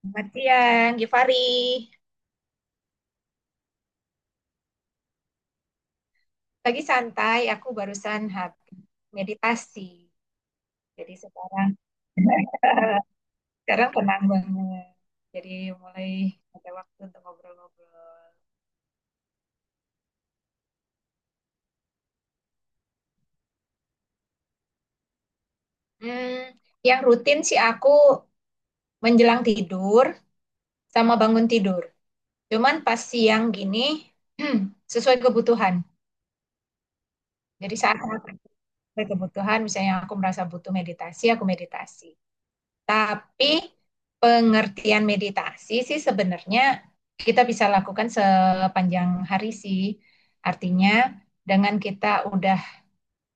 Selamat siang, Givari. Lagi santai, aku barusan habis meditasi. Jadi sekarang sekarang tenang banget. Jadi mulai ada waktu untuk ngobrol-ngobrol. Hmm, yang rutin sih aku menjelang tidur sama bangun tidur. Cuman pas siang gini sesuai kebutuhan. Jadi saat saat sesuai kebutuhan, misalnya aku merasa butuh meditasi, aku meditasi. Tapi pengertian meditasi sih sebenarnya kita bisa lakukan sepanjang hari sih. Artinya dengan kita udah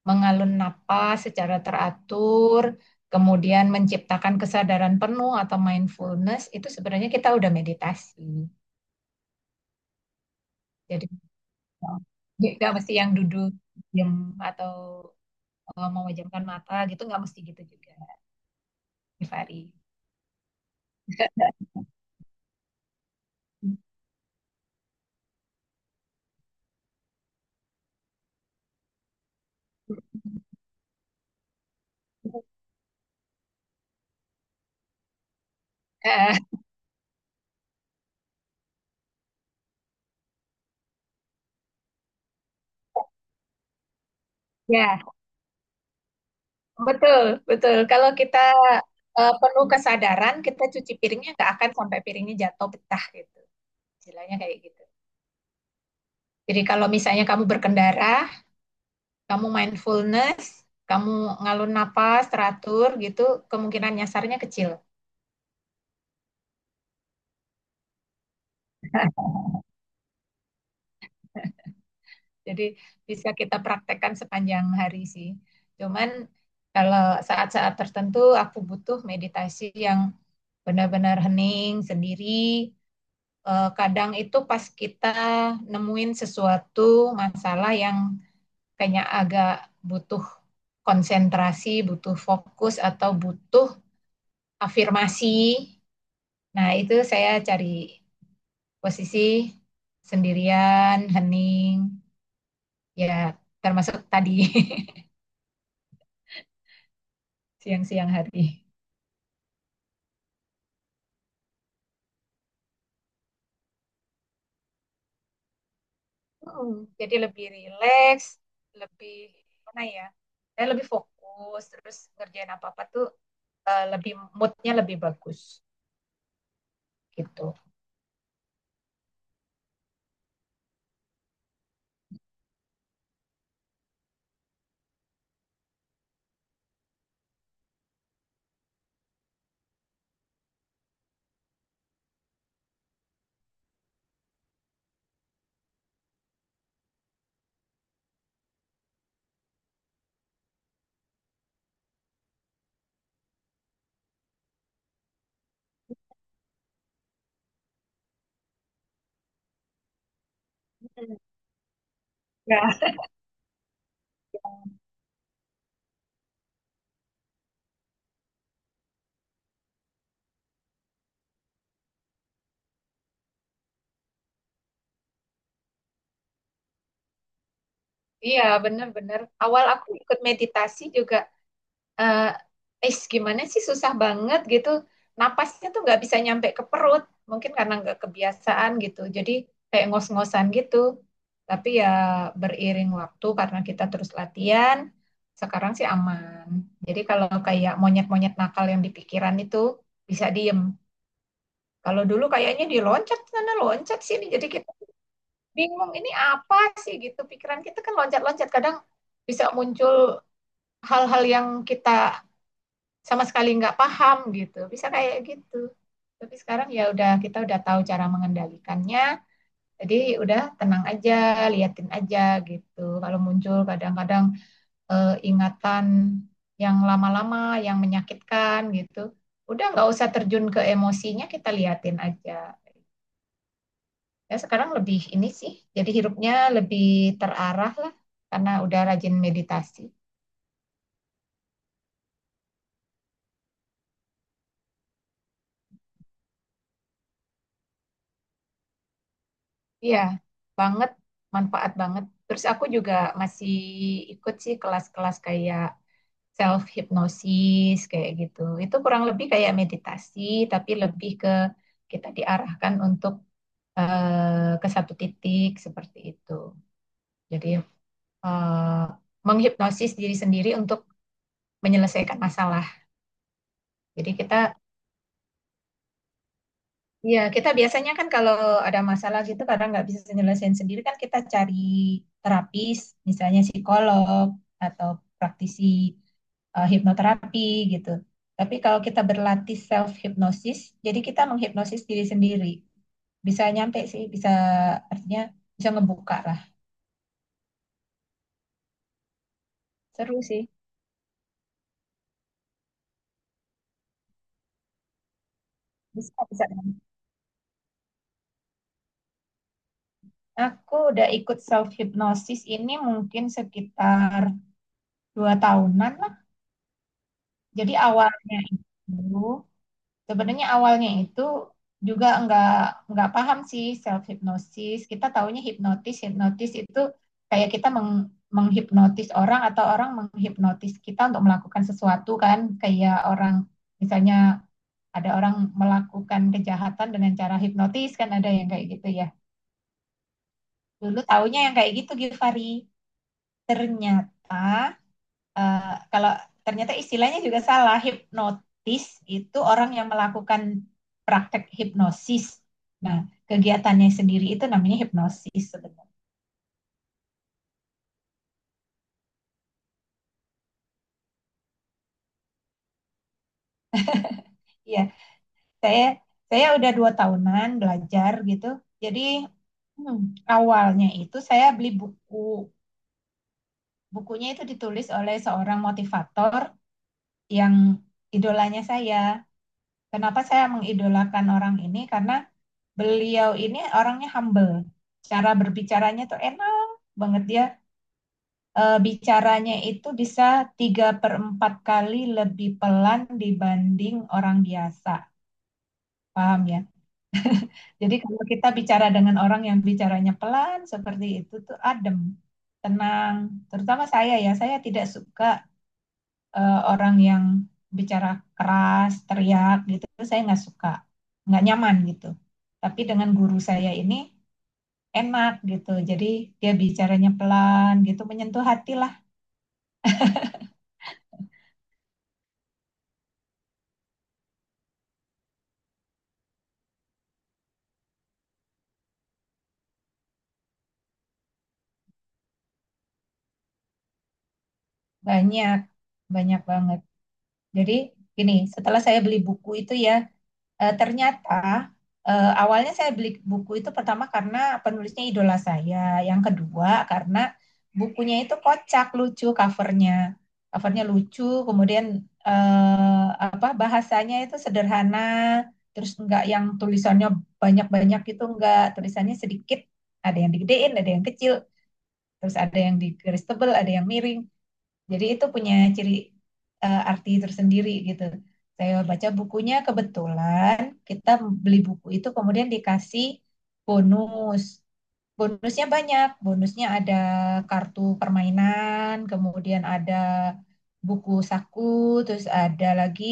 mengalun napas secara teratur, kemudian menciptakan kesadaran penuh atau mindfulness, itu sebenarnya kita udah meditasi. Jadi nggak mesti yang duduk diam atau memejamkan mata gitu, nggak mesti gitu juga, Givari. Eh, ya, betul, betul. Kalau kita penuh kesadaran, kita cuci piringnya nggak akan sampai piringnya jatuh pecah gitu. Istilahnya kayak gitu. Jadi kalau misalnya kamu berkendara, kamu mindfulness, kamu ngalun napas, teratur gitu, kemungkinan nyasarnya kecil. Jadi bisa kita praktekkan sepanjang hari sih. Cuman kalau saat-saat tertentu aku butuh meditasi yang benar-benar hening, sendiri, kadang itu pas kita nemuin sesuatu masalah yang kayaknya agak butuh konsentrasi, butuh fokus atau butuh afirmasi. Nah, itu saya cari posisi sendirian, hening, ya termasuk tadi siang-siang hari. mm Jadi lebih rileks, lebih mana ya? Saya lebih fokus, terus ngerjain apa-apa tuh lebih moodnya lebih bagus gitu. Ya, iya bener-bener. Awal aku ikut meditasi juga, eh "Ih, gimana sih susah banget gitu. Napasnya tuh nggak bisa nyampe ke perut. Mungkin karena nggak kebiasaan gitu. Jadi kayak ngos-ngosan gitu. Tapi ya beriring waktu karena kita terus latihan, sekarang sih aman. Jadi kalau kayak monyet-monyet nakal yang di pikiran itu bisa diem. Kalau dulu kayaknya diloncat sana, loncat sini. Jadi kita bingung ini apa sih gitu, pikiran kita kan loncat-loncat, kadang bisa muncul hal-hal yang kita sama sekali nggak paham gitu, bisa kayak gitu. Tapi sekarang ya udah, kita udah tahu cara mengendalikannya, jadi udah tenang aja, liatin aja gitu kalau muncul. Kadang-kadang e, ingatan yang lama-lama yang menyakitkan gitu, udah nggak usah terjun ke emosinya, kita liatin aja. Ya sekarang lebih ini sih, jadi hidupnya lebih terarah lah, karena udah rajin meditasi. Iya banget, manfaat banget. Terus aku juga masih ikut sih kelas-kelas kayak self hypnosis, kayak gitu itu kurang lebih kayak meditasi, tapi lebih ke kita diarahkan untuk ke satu titik seperti itu. Jadi eh, menghipnosis diri sendiri untuk menyelesaikan masalah. Jadi kita, iya, kita biasanya kan kalau ada masalah gitu kadang nggak bisa nyelesain sendiri, kan kita cari terapis, misalnya psikolog atau praktisi hipnoterapi gitu. Tapi kalau kita berlatih self hypnosis, jadi kita menghipnosis diri sendiri. Bisa nyampe sih, bisa, artinya bisa ngebuka lah. Seru sih. Bisa, bisa. Aku udah ikut self hypnosis ini mungkin sekitar 2 tahunan lah. Jadi awalnya itu Sebenarnya awalnya itu juga nggak paham sih self hypnosis. Kita taunya hipnotis, hipnotis itu kayak kita menghipnotis orang, atau orang menghipnotis kita untuk melakukan sesuatu kan, kayak orang misalnya ada orang melakukan kejahatan dengan cara hipnotis, kan ada yang kayak gitu ya. Dulu taunya yang kayak gitu, Givari. Ternyata eh, Kalau ternyata istilahnya juga salah, hipnotis itu orang yang melakukan praktek hipnosis. Nah, kegiatannya sendiri itu namanya hipnosis sebenarnya. Iya, saya saya udah 2 tahunan belajar gitu. Jadi hmm, awalnya itu saya beli buku. Bukunya itu ditulis oleh seorang motivator yang idolanya saya. Kenapa saya mengidolakan orang ini? Karena beliau ini orangnya humble. Cara berbicaranya tuh enak banget dia. Bicaranya itu bisa 3 per 4 kali lebih pelan dibanding orang biasa. Paham ya? Jadi kalau kita bicara dengan orang yang bicaranya pelan seperti itu, tuh adem, tenang. Terutama saya ya, saya tidak suka orang yang bicara keras, teriak gitu. Saya nggak suka, nggak nyaman gitu. Tapi dengan guru saya ini enak gitu. Jadi dia bicaranya pelan gitu, menyentuh hati lah. Banyak, banyak banget. Jadi gini, setelah saya beli buku itu ya, ternyata awalnya saya beli buku itu pertama karena penulisnya idola saya. Yang kedua karena bukunya itu kocak, lucu covernya. Covernya lucu, kemudian apa bahasanya itu sederhana, terus enggak yang tulisannya banyak-banyak gitu, enggak tulisannya sedikit, ada yang digedein, ada yang kecil, terus ada yang di garis tebal, ada yang miring. Jadi itu punya ciri arti tersendiri gitu. Saya baca bukunya, kebetulan kita beli buku itu kemudian dikasih bonus bonusnya banyak. Bonusnya ada kartu permainan, kemudian ada buku saku, terus ada lagi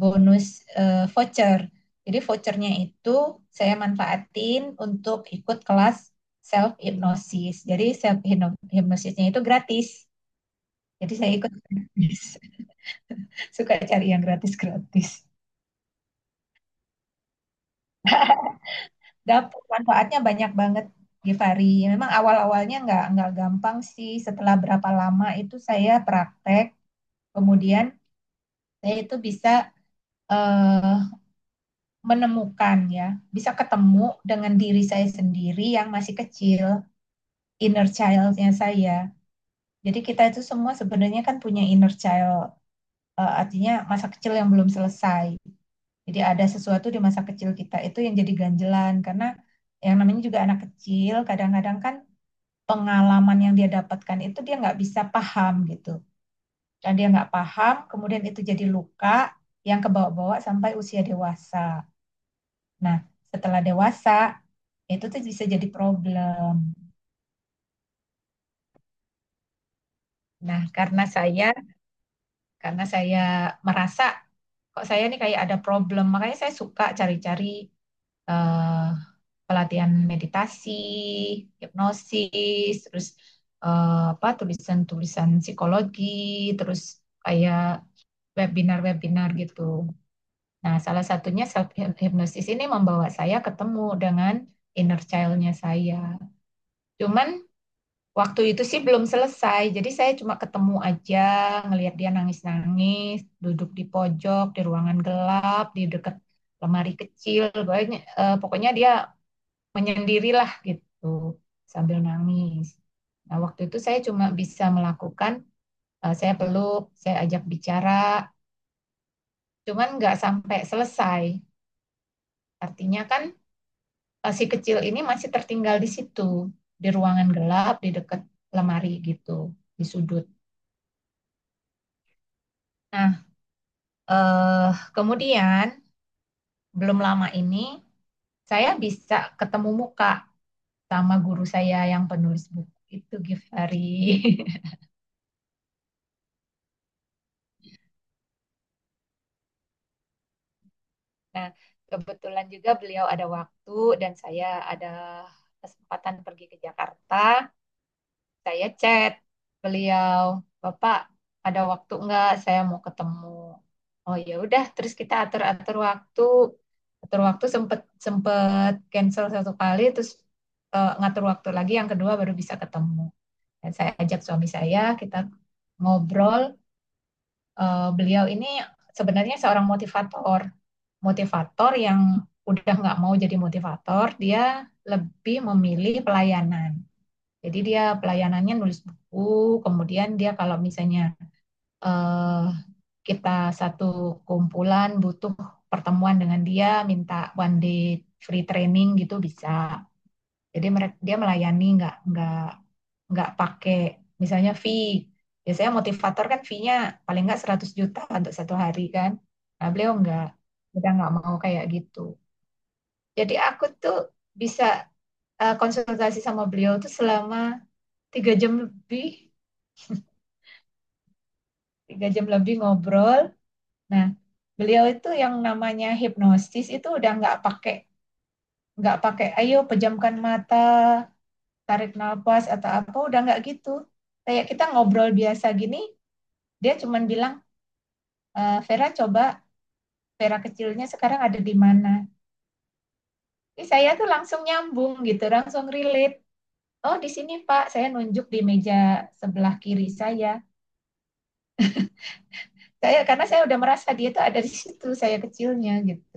bonus voucher. Jadi vouchernya itu saya manfaatin untuk ikut kelas self hypnosis. Jadi self hypnosisnya itu gratis. Jadi saya ikut gratis. Suka cari yang gratis-gratis. Dapur manfaatnya banyak banget, Givari. Memang awal-awalnya nggak gampang sih. Setelah berapa lama itu saya praktek, kemudian saya itu bisa eh, menemukan ya, bisa ketemu dengan diri saya sendiri yang masih kecil, inner child-nya saya. Jadi kita itu semua sebenarnya kan punya inner child, artinya masa kecil yang belum selesai. Jadi ada sesuatu di masa kecil kita itu yang jadi ganjelan, karena yang namanya juga anak kecil, kadang-kadang kan pengalaman yang dia dapatkan itu dia nggak bisa paham gitu. Dan dia nggak paham, kemudian itu jadi luka yang kebawa-bawa sampai usia dewasa. Nah, setelah dewasa itu tuh bisa jadi problem. Nah, karena saya merasa kok saya nih kayak ada problem, makanya saya suka cari-cari eh, pelatihan meditasi, hipnosis, terus apa tulisan-tulisan psikologi, terus kayak webinar-webinar gitu. Nah, salah satunya self hypnosis ini membawa saya ketemu dengan inner child-nya saya. Cuman waktu itu sih belum selesai, jadi saya cuma ketemu aja, ngelihat dia nangis-nangis, duduk di pojok, di ruangan gelap, di dekat lemari kecil, banyak, pokoknya dia menyendirilah gitu sambil nangis. Nah, waktu itu saya cuma bisa melakukan, saya peluk, saya ajak bicara, cuman nggak sampai selesai. Artinya kan si kecil ini masih tertinggal di situ, di ruangan gelap, di dekat lemari gitu, di sudut. Nah, eh, kemudian belum lama ini saya bisa ketemu muka sama guru saya yang penulis buku itu, Gifari. Nah, kebetulan juga beliau ada waktu dan saya ada kesempatan pergi ke Jakarta. Saya chat beliau, "Bapak ada waktu nggak? Saya mau ketemu." Oh ya udah, terus kita atur-atur waktu. Atur waktu sempet sempet cancel 1 kali, terus ngatur waktu lagi yang kedua baru bisa ketemu. Dan saya ajak suami saya, kita ngobrol. Beliau ini sebenarnya seorang motivator, motivator yang udah nggak mau jadi motivator, dia lebih memilih pelayanan. Jadi dia pelayanannya nulis buku, kemudian dia kalau misalnya eh, kita satu kumpulan butuh pertemuan dengan dia, minta one day free training gitu bisa. Jadi mereka, dia melayani nggak pakai misalnya fee. Biasanya motivator kan fee-nya paling nggak 100 juta untuk 1 hari kan. Nah, beliau nggak, kita nggak mau kayak gitu. Jadi aku tuh bisa konsultasi sama beliau tuh selama 3 jam lebih, 3 jam lebih ngobrol. Nah, beliau itu yang namanya hipnosis itu udah nggak pakai, ayo pejamkan mata, tarik nafas atau apa, udah nggak gitu. Kayak kita ngobrol biasa gini, dia cuman bilang, e, Vera coba, Vera kecilnya sekarang ada di mana. Ini saya tuh langsung nyambung gitu, langsung relate. Oh di sini Pak, saya nunjuk di meja sebelah kiri saya. Karena saya udah merasa dia tuh ada di situ, saya kecilnya gitu.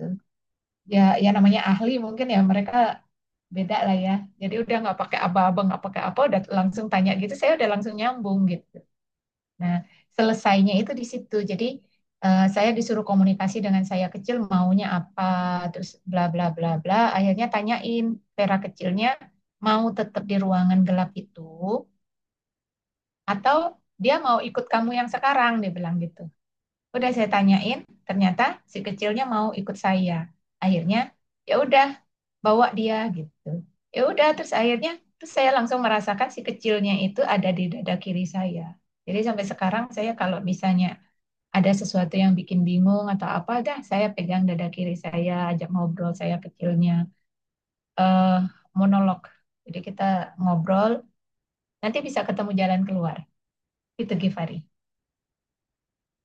Ya ya, namanya ahli mungkin ya, mereka beda lah ya. Jadi udah nggak pakai aba-aba, nggak pakai apa, udah langsung tanya gitu. Saya udah langsung nyambung gitu. Nah, selesainya itu di situ. Jadi saya disuruh komunikasi dengan saya kecil maunya apa, terus bla bla bla bla. Akhirnya tanyain Vera kecilnya mau tetap di ruangan gelap itu atau dia mau ikut kamu yang sekarang, dia bilang gitu. Udah saya tanyain, ternyata si kecilnya mau ikut saya. Akhirnya ya udah bawa dia gitu. Ya udah, terus akhirnya, terus saya langsung merasakan si kecilnya itu ada di dada kiri saya. Jadi sampai sekarang saya kalau misalnya ada sesuatu yang bikin bingung atau apa, dah saya pegang dada kiri saya, ajak ngobrol saya kecilnya. eh Monolog. Jadi kita ngobrol, nanti bisa ketemu jalan keluar. Itu Givari.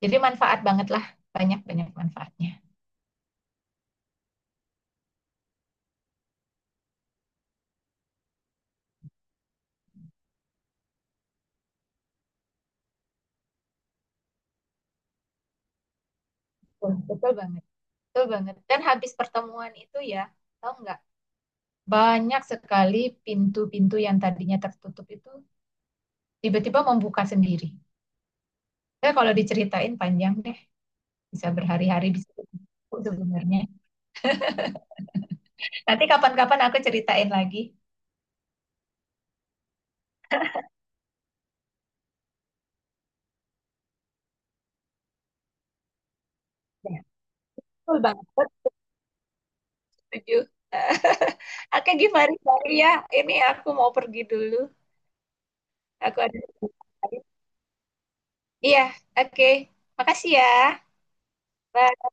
Jadi manfaat banget lah, banyak-banyak manfaatnya. Betul, betul banget, betul banget. Dan habis pertemuan itu ya, tahu nggak? Banyak sekali pintu-pintu yang tadinya tertutup itu tiba-tiba membuka sendiri. Saya kalau diceritain panjang deh, bisa berhari-hari, bisa berbuku sebenarnya. Nanti kapan-kapan aku ceritain lagi. Ya, betul banget. Setuju. Eh, Oke, gimana, sorry ya? Ini aku mau pergi dulu. Aku ada. Iya, oke. Makasih ya. Bye.